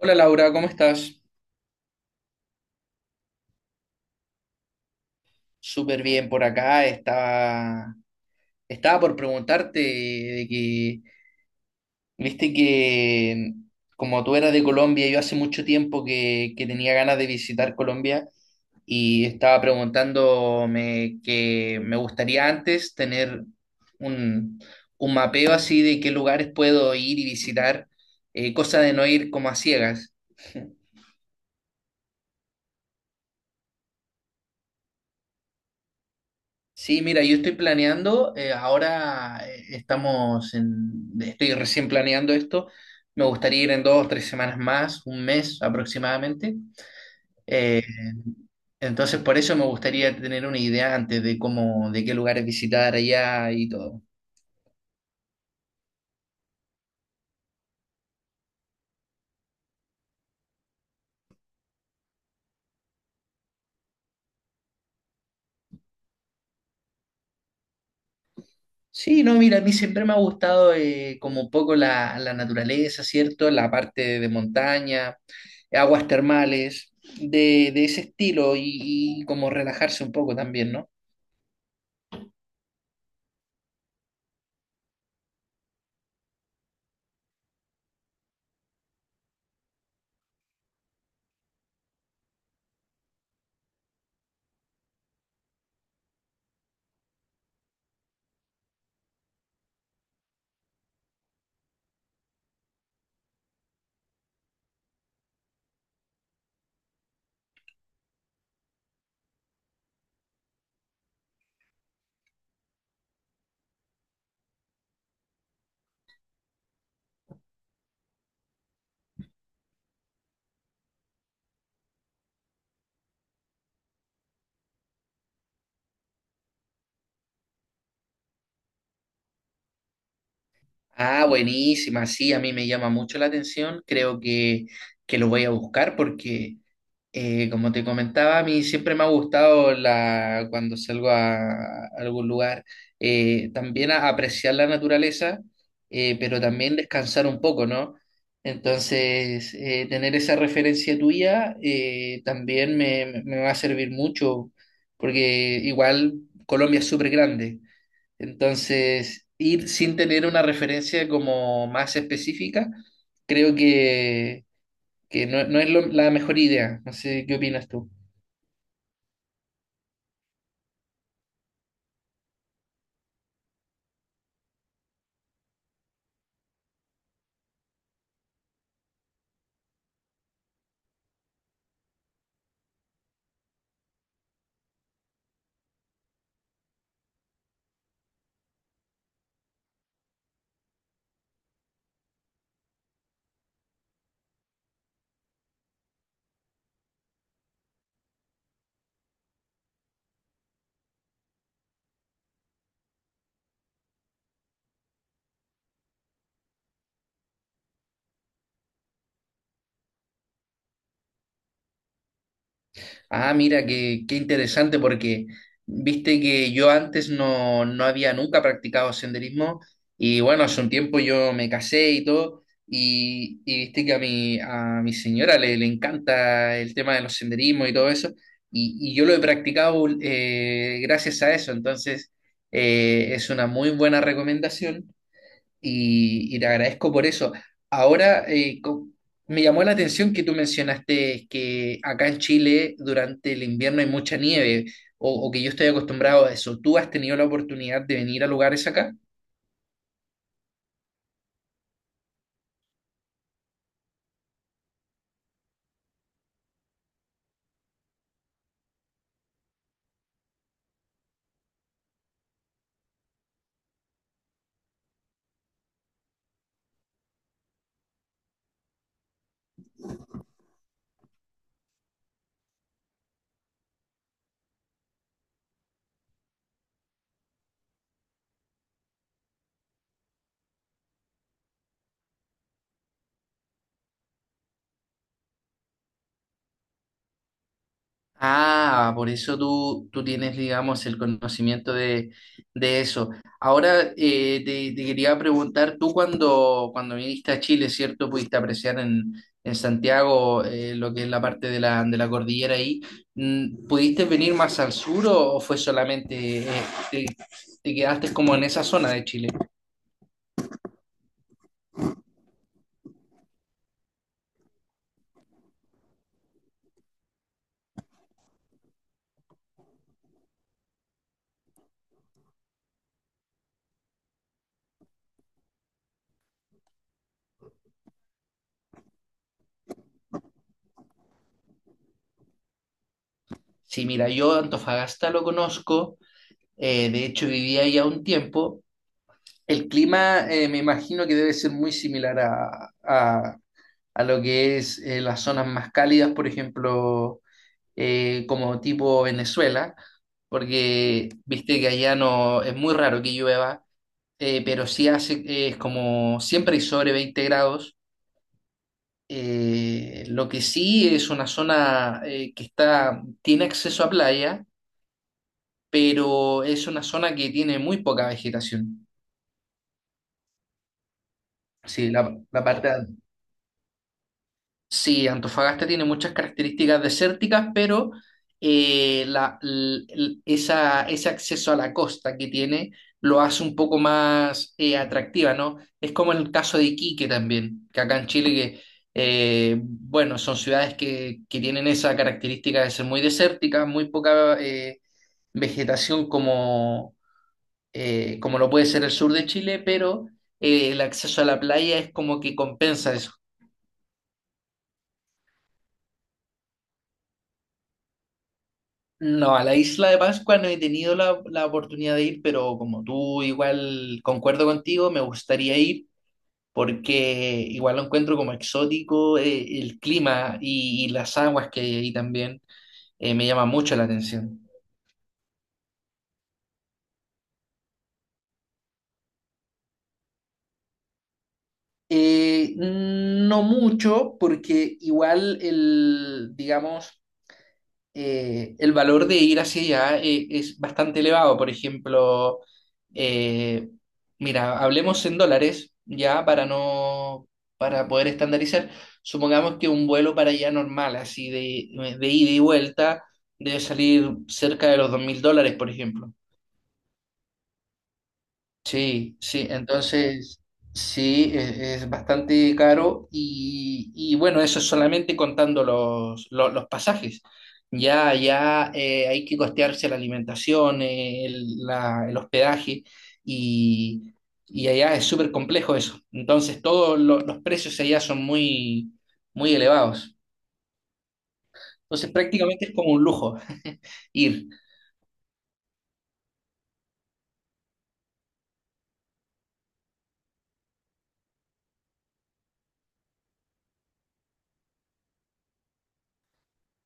Hola Laura, ¿cómo estás? Súper bien por acá. Estaba por preguntarte de que, viste que como tú eras de Colombia, yo hace mucho tiempo que tenía ganas de visitar Colombia y estaba preguntándome que me gustaría antes tener un, un mapeo así de qué lugares puedo ir y visitar, cosa de no ir como a ciegas. Sí, mira, yo estoy planeando, ahora, estoy recién planeando esto. Me gustaría ir en dos, 3 semanas más, un mes aproximadamente. Eh, entonces, por eso me gustaría tener una idea antes de cómo, de qué lugares visitar allá y todo. Sí, no, mira, a mí siempre me ha gustado, como un poco la naturaleza, ¿cierto? La parte de montaña, aguas termales, de ese estilo y, como relajarse un poco también, ¿no? Ah, buenísima, sí, a mí me llama mucho la atención. Creo que lo voy a buscar porque, como te comentaba, a mí siempre me ha gustado la, cuando salgo a algún lugar, también apreciar la naturaleza, pero también descansar un poco, ¿no? Entonces, tener esa referencia tuya, también me va a servir mucho, porque igual Colombia es súper grande. Entonces, ir sin tener una referencia como más específica, creo que no es la mejor idea. No sé qué opinas tú. Ah, mira, qué interesante porque viste que yo antes no había nunca practicado senderismo. Y bueno, hace un tiempo yo me casé y todo, y viste que a mi señora le encanta el tema de los senderismos y todo eso, y yo lo he practicado, gracias a eso. Entonces, es una muy buena recomendación, y te agradezco por eso. Ahora, me llamó la atención que tú mencionaste que acá en Chile durante el invierno hay mucha nieve, o que yo estoy acostumbrado a eso. ¿Tú has tenido la oportunidad de venir a lugares acá? Ah, por eso tú tienes, digamos, el conocimiento de eso. Ahora, te quería preguntar, tú cuando viniste a Chile, ¿cierto? Pudiste apreciar en Santiago, lo que es la parte de la cordillera ahí. ¿Pudiste venir más al sur, o fue solamente, te, te quedaste como en esa zona de Chile? Sí, mira, yo Antofagasta lo conozco, de hecho viví ahí a un tiempo. El clima, me imagino que debe ser muy similar a lo que es, las zonas más cálidas, por ejemplo, como tipo Venezuela, porque viste que allá no es muy raro que llueva, pero sí hace, es como siempre hay sobre 20 grados. Lo que sí es una zona, que está, tiene acceso a playa, pero es una zona que tiene muy poca vegetación. Sí, la parte sí, Antofagasta tiene muchas características desérticas, pero ese acceso a la costa que tiene lo hace un poco más, atractiva, ¿no? Es como el caso de Iquique también, que acá en Chile, bueno, son ciudades que tienen esa característica de ser muy desérticas, muy poca, vegetación, como, como lo puede ser el sur de Chile, pero el acceso a la playa es como que compensa eso. No, a la isla de Pascua no he tenido la oportunidad de ir, pero como tú igual concuerdo contigo, me gustaría ir porque igual lo encuentro como exótico, el clima y, las aguas que hay ahí también, me llama mucho la atención. No mucho, porque igual el, digamos, el valor de ir hacia allá, es bastante elevado. Por ejemplo, eh, mira, hablemos en dólares ya para no, para poder estandarizar. Supongamos que un vuelo para allá normal, así de ida y vuelta, debe salir cerca de los $2.000, por ejemplo. Sí, sí, entonces sí, es bastante caro. Y, bueno, eso es solamente contando los pasajes. Ya, ya, hay que costearse la alimentación, el, el hospedaje, y, allá es súper complejo eso. Entonces todos los precios allá son muy, muy elevados. Entonces prácticamente es como un lujo ir.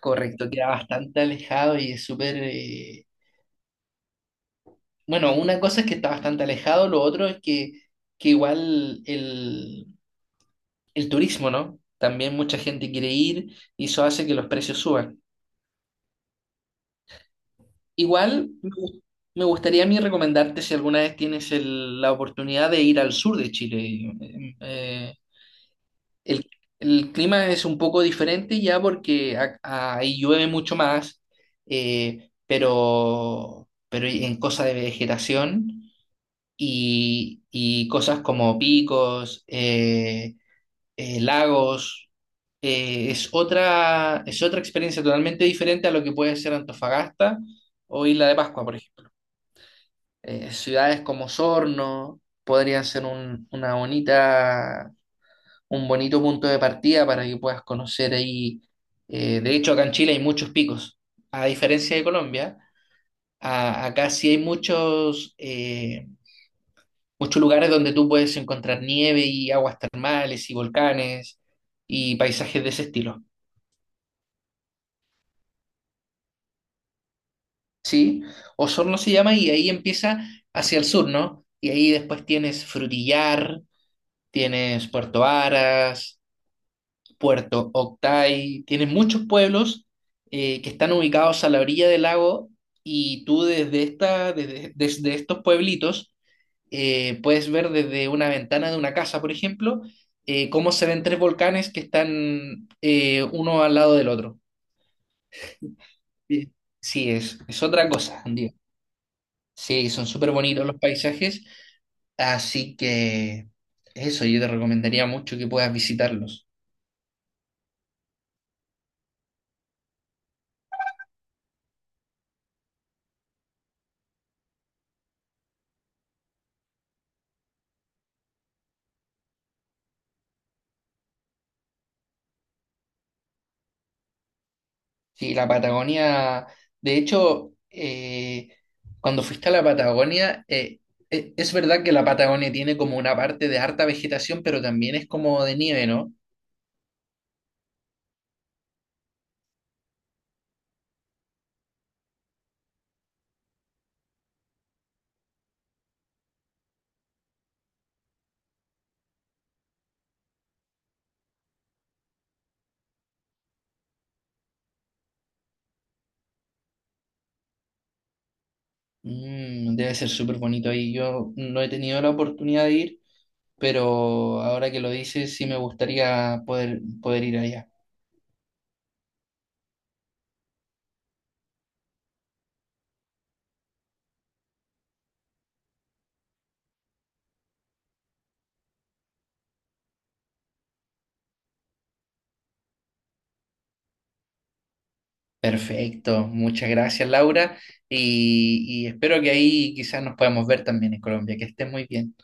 Correcto, queda bastante alejado y es súper. Bueno, una cosa es que está bastante alejado, lo otro es que igual el turismo, ¿no? También mucha gente quiere ir y eso hace que los precios suban. Igual me gustaría a mí recomendarte si alguna vez tienes la oportunidad de ir al sur de Chile. El, el clima es un poco diferente ya porque ahí llueve mucho más, pero en cosa de vegetación. Y, cosas como picos, lagos. Es otra, es otra experiencia totalmente diferente a lo que puede ser Antofagasta o Isla de Pascua, por ejemplo. Ciudades como Sorno podrían ser un bonito punto de partida para que puedas conocer ahí. De hecho, acá en Chile hay muchos picos. A diferencia de Colombia, acá sí hay muchos, muchos lugares donde tú puedes encontrar nieve y aguas termales y volcanes y paisajes de ese estilo, ¿sí? Osorno se llama y ahí empieza hacia el sur, ¿no? Y ahí después tienes Frutillar, tienes Puerto Aras, Puerto Octay, tienes muchos pueblos, que están ubicados a la orilla del lago, y tú desde esta, desde estos pueblitos, puedes ver desde una ventana de una casa, por ejemplo, cómo se ven tres volcanes que están, uno al lado del otro. Sí, sí, es otra cosa, digo. Sí, son súper bonitos los paisajes, así que eso yo te recomendaría mucho que puedas visitarlos. Sí, la Patagonia, de hecho, cuando fuiste a la Patagonia, es verdad que la Patagonia tiene como una parte de harta vegetación, pero también es como de nieve, ¿no? Debe ser súper bonito ahí. Yo no he tenido la oportunidad de ir, pero ahora que lo dices, sí me gustaría poder ir allá. Perfecto, muchas gracias Laura, y espero que ahí quizás nos podamos ver también en Colombia. Que estés muy bien.